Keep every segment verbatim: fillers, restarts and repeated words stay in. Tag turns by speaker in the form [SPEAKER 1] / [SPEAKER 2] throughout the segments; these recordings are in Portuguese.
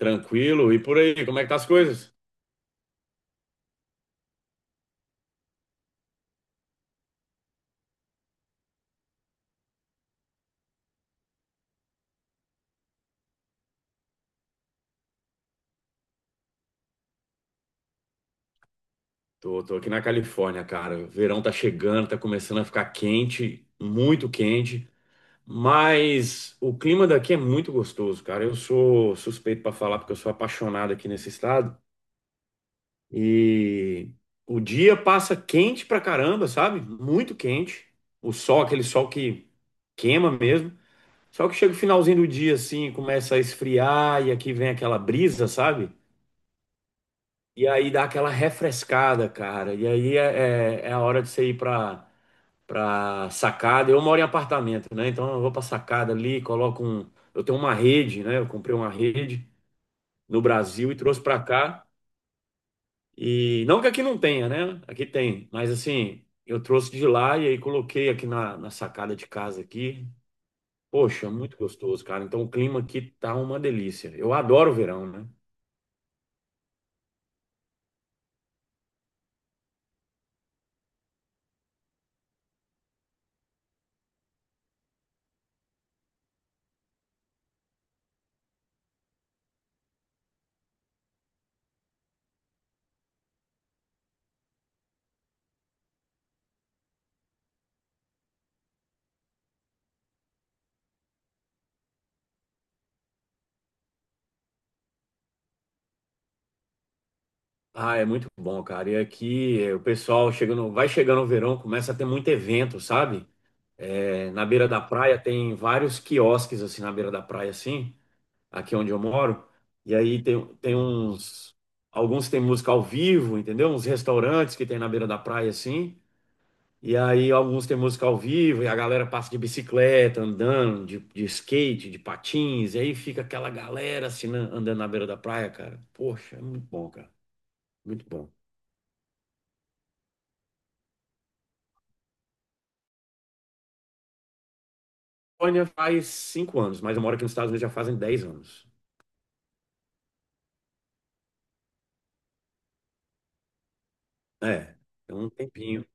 [SPEAKER 1] Tranquilo, e por aí, como é que tá as coisas? Tô, tô aqui na Califórnia, cara. O verão tá chegando, tá começando a ficar quente, muito quente, mas o clima daqui é muito gostoso, cara. Eu sou suspeito pra falar porque eu sou apaixonado aqui nesse estado. E o dia passa quente pra caramba, sabe? Muito quente. O sol, aquele sol que queima mesmo. Só que chega o finalzinho do dia assim, começa a esfriar e aqui vem aquela brisa, sabe? E aí dá aquela refrescada, cara. E aí é, é- é a hora de você ir pra, pra sacada. Eu moro em apartamento, né? Então eu vou pra sacada ali, coloco um. Eu tenho uma rede, né? Eu comprei uma rede no Brasil e trouxe pra cá. E não que aqui não tenha, né? Aqui tem. Mas assim, eu trouxe de lá e aí coloquei aqui na, na sacada de casa aqui. Poxa, muito gostoso, cara. Então o clima aqui tá uma delícia. Eu adoro o verão, né? Ah, é muito bom, cara. E aqui eh, o pessoal chegando, vai chegando o verão, começa a ter muito evento, sabe? Eh, na beira da praia tem vários quiosques assim na beira da praia, assim, aqui onde eu moro. E aí tem, tem uns, alguns tem música ao vivo, entendeu? Uns restaurantes que tem na beira da praia, assim. E aí alguns tem música ao vivo e a galera passa de bicicleta, andando, de, de skate, de patins. E aí fica aquela galera assim na- andando na beira da praia, cara. Poxa, é muito bom, cara. Muito bom. Polônia faz cinco anos, mas eu moro aqui nos Estados Unidos já fazem dez anos. É, é um tempinho.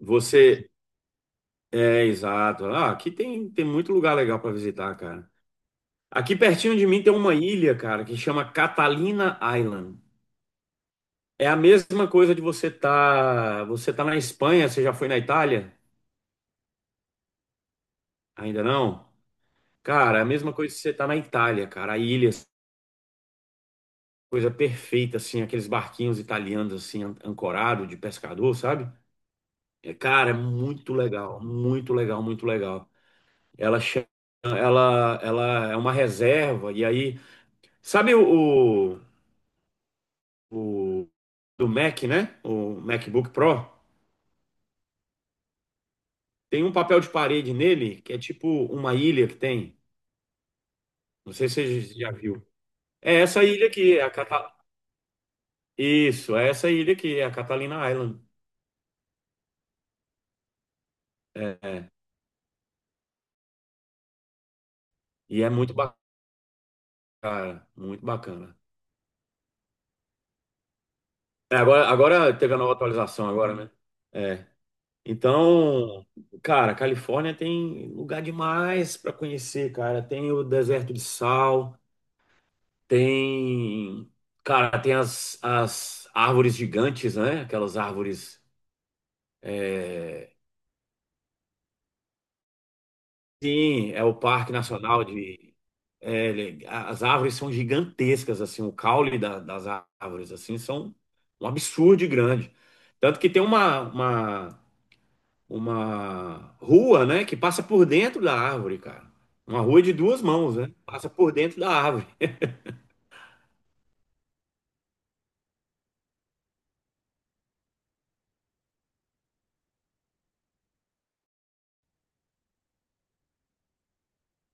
[SPEAKER 1] Você. É, exato. Ah, aqui tem, tem muito lugar legal para visitar, cara. Aqui pertinho de mim tem uma ilha, cara, que chama Catalina Island. É a mesma coisa de você tá, você tá na Espanha, você já foi na Itália? Ainda não? Cara, é a mesma coisa de você tá na Itália, cara. A ilha, coisa perfeita, assim, aqueles barquinhos italianos, assim, an- ancorado de pescador, sabe? É, cara, é muito legal, muito legal, muito legal. Ela, cha- ela, ela é uma reserva, e aí, sabe o, o, o do Mac, né? O MacBook Pro? Tem um papel de parede nele, que é tipo uma ilha que tem. Não sei se você já viu. É essa ilha aqui, é a Cata... isso, é essa ilha aqui, é a Catalina Island. É, é. E é muito bacana, muito bacana. É, agora, agora teve a nova atualização agora, né? É. Então, cara, Califórnia tem lugar demais para conhecer, cara. Tem o deserto de sal, tem, cara, tem as, as árvores gigantes, né? Aquelas árvores. é, Sim, é o Parque Nacional de. É, ele- as árvores são gigantescas, assim, o caule da- das árvores, assim, são um absurdo de grande. Tanto que tem uma, uma uma rua, né, que passa por dentro da árvore, cara. Uma rua de duas mãos, né? Passa por dentro da árvore.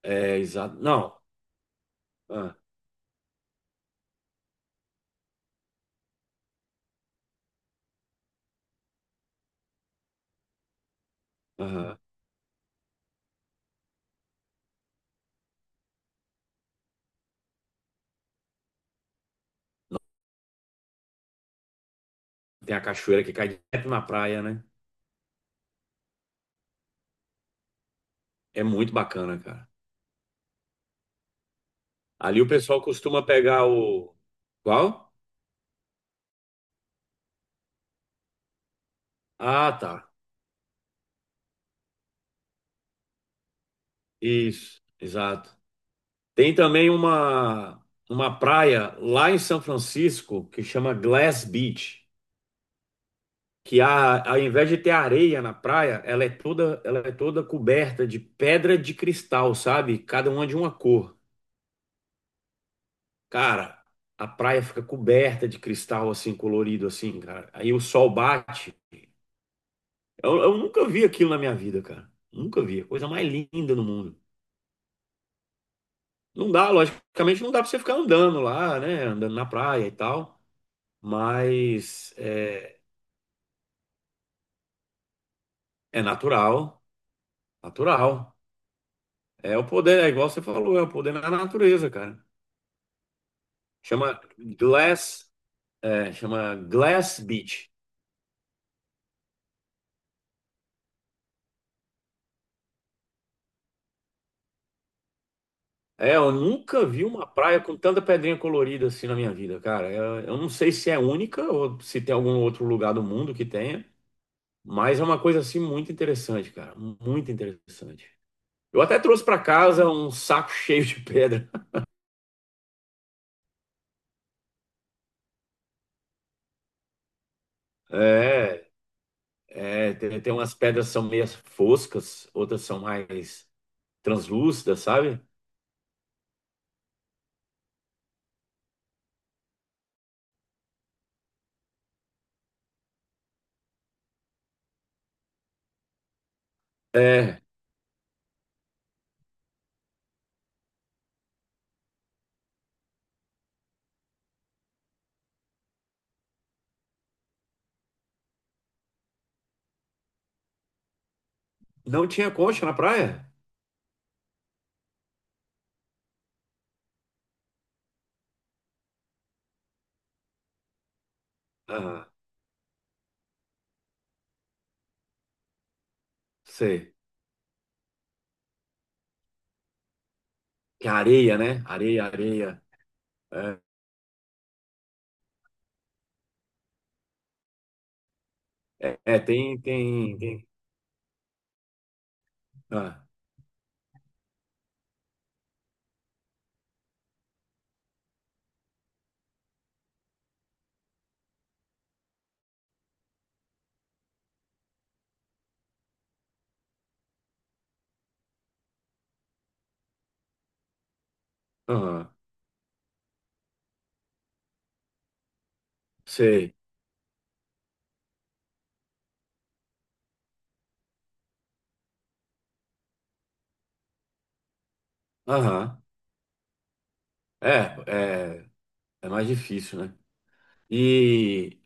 [SPEAKER 1] É, exato. Não. Ah, aham. Tem a cachoeira que cai direto na praia, né? É muito bacana, cara. Ali o pessoal costuma pegar o. Qual? Ah, tá. Isso, exato. Tem também uma, uma praia lá em São Francisco que chama Glass Beach. Que a, ao invés de ter areia na praia, ela é toda, ela é toda coberta de pedra de cristal, sabe? Cada uma de uma cor. Cara, a praia fica coberta de cristal assim colorido assim, cara. Aí o sol bate. Eu, eu nunca vi aquilo na minha vida, cara. Nunca vi. Coisa mais linda no mundo. Não dá, logicamente, não dá pra você ficar andando lá, né? Andando na praia e tal. Mas é, é natural, natural. É o poder, é igual você falou, é o poder da natureza, cara. Chama Glass, é, chama Glass Beach. É, eu nunca vi uma praia com tanta pedrinha colorida assim na minha vida, cara. Eu, eu não sei se é única ou se tem algum outro lugar do mundo que tenha, mas é uma coisa assim muito interessante, cara, muito interessante. Eu até trouxe pra casa um saco cheio de pedra. É, é, tem, tem umas pedras que são meio foscas, outras são mais translúcidas, sabe? É, não tinha concha na praia? Ah, sei. Que é areia, né? Areia, areia. É, é, é, tem, tem, tem. Ah, aham, sei. Aham. É, é, é mais difícil, né? E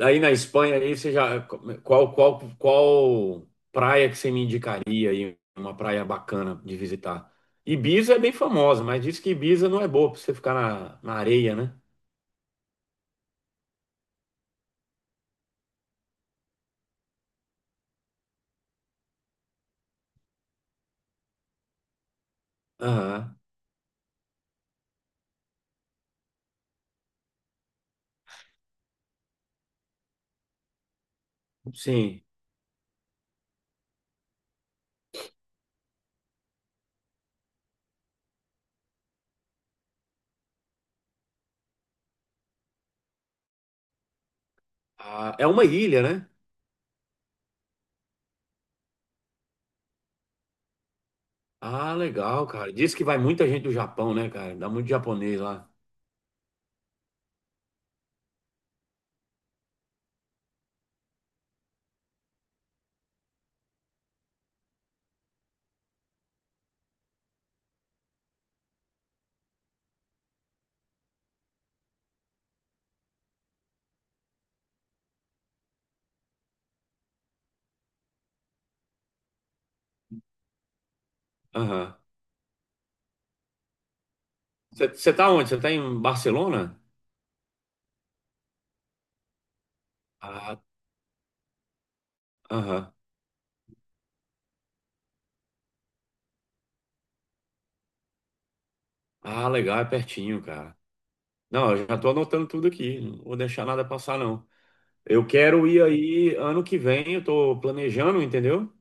[SPEAKER 1] aí na Espanha, aí você já. Qual, qual, qual praia que você me indicaria aí? Uma praia bacana de visitar. Ibiza é bem famosa, mas diz que Ibiza não é boa pra você ficar na, na areia, né? Aham, sim. Ah, é uma ilha, né? Ah, legal, cara. Diz que vai muita gente do Japão, né, cara? Dá muito japonês lá. Aham. Você tá onde? Você tá em Barcelona? Ah, aham. Ah, legal, é pertinho, cara. Não, eu já tô anotando tudo aqui. Não vou deixar nada passar, não. Eu quero ir aí ano que vem. Eu tô planejando, entendeu?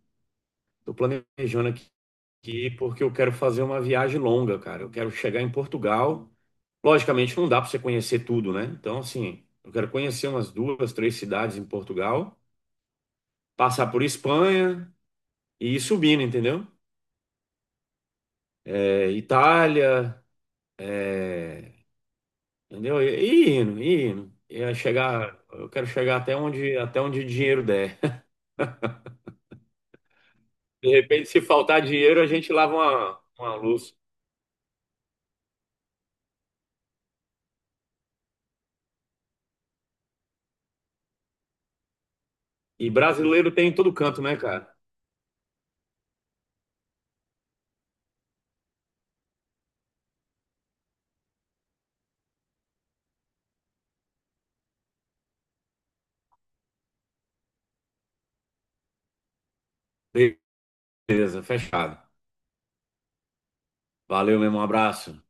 [SPEAKER 1] Tô planejando aqui aqui porque eu quero fazer uma viagem longa, cara. Eu quero chegar em Portugal. Logicamente, não dá para você conhecer tudo, né? Então, assim, eu quero conhecer umas duas, três cidades em Portugal. Passar por Espanha e ir subindo, entendeu? É, Itália, é, entendeu? E, e indo, e indo. E aí chegar, eu quero chegar até onde, até onde dinheiro der. De repente, se faltar dinheiro, a gente lava uma, uma luz. E brasileiro tem em todo canto, né, cara? Beleza, fechado. Valeu mesmo, um abraço.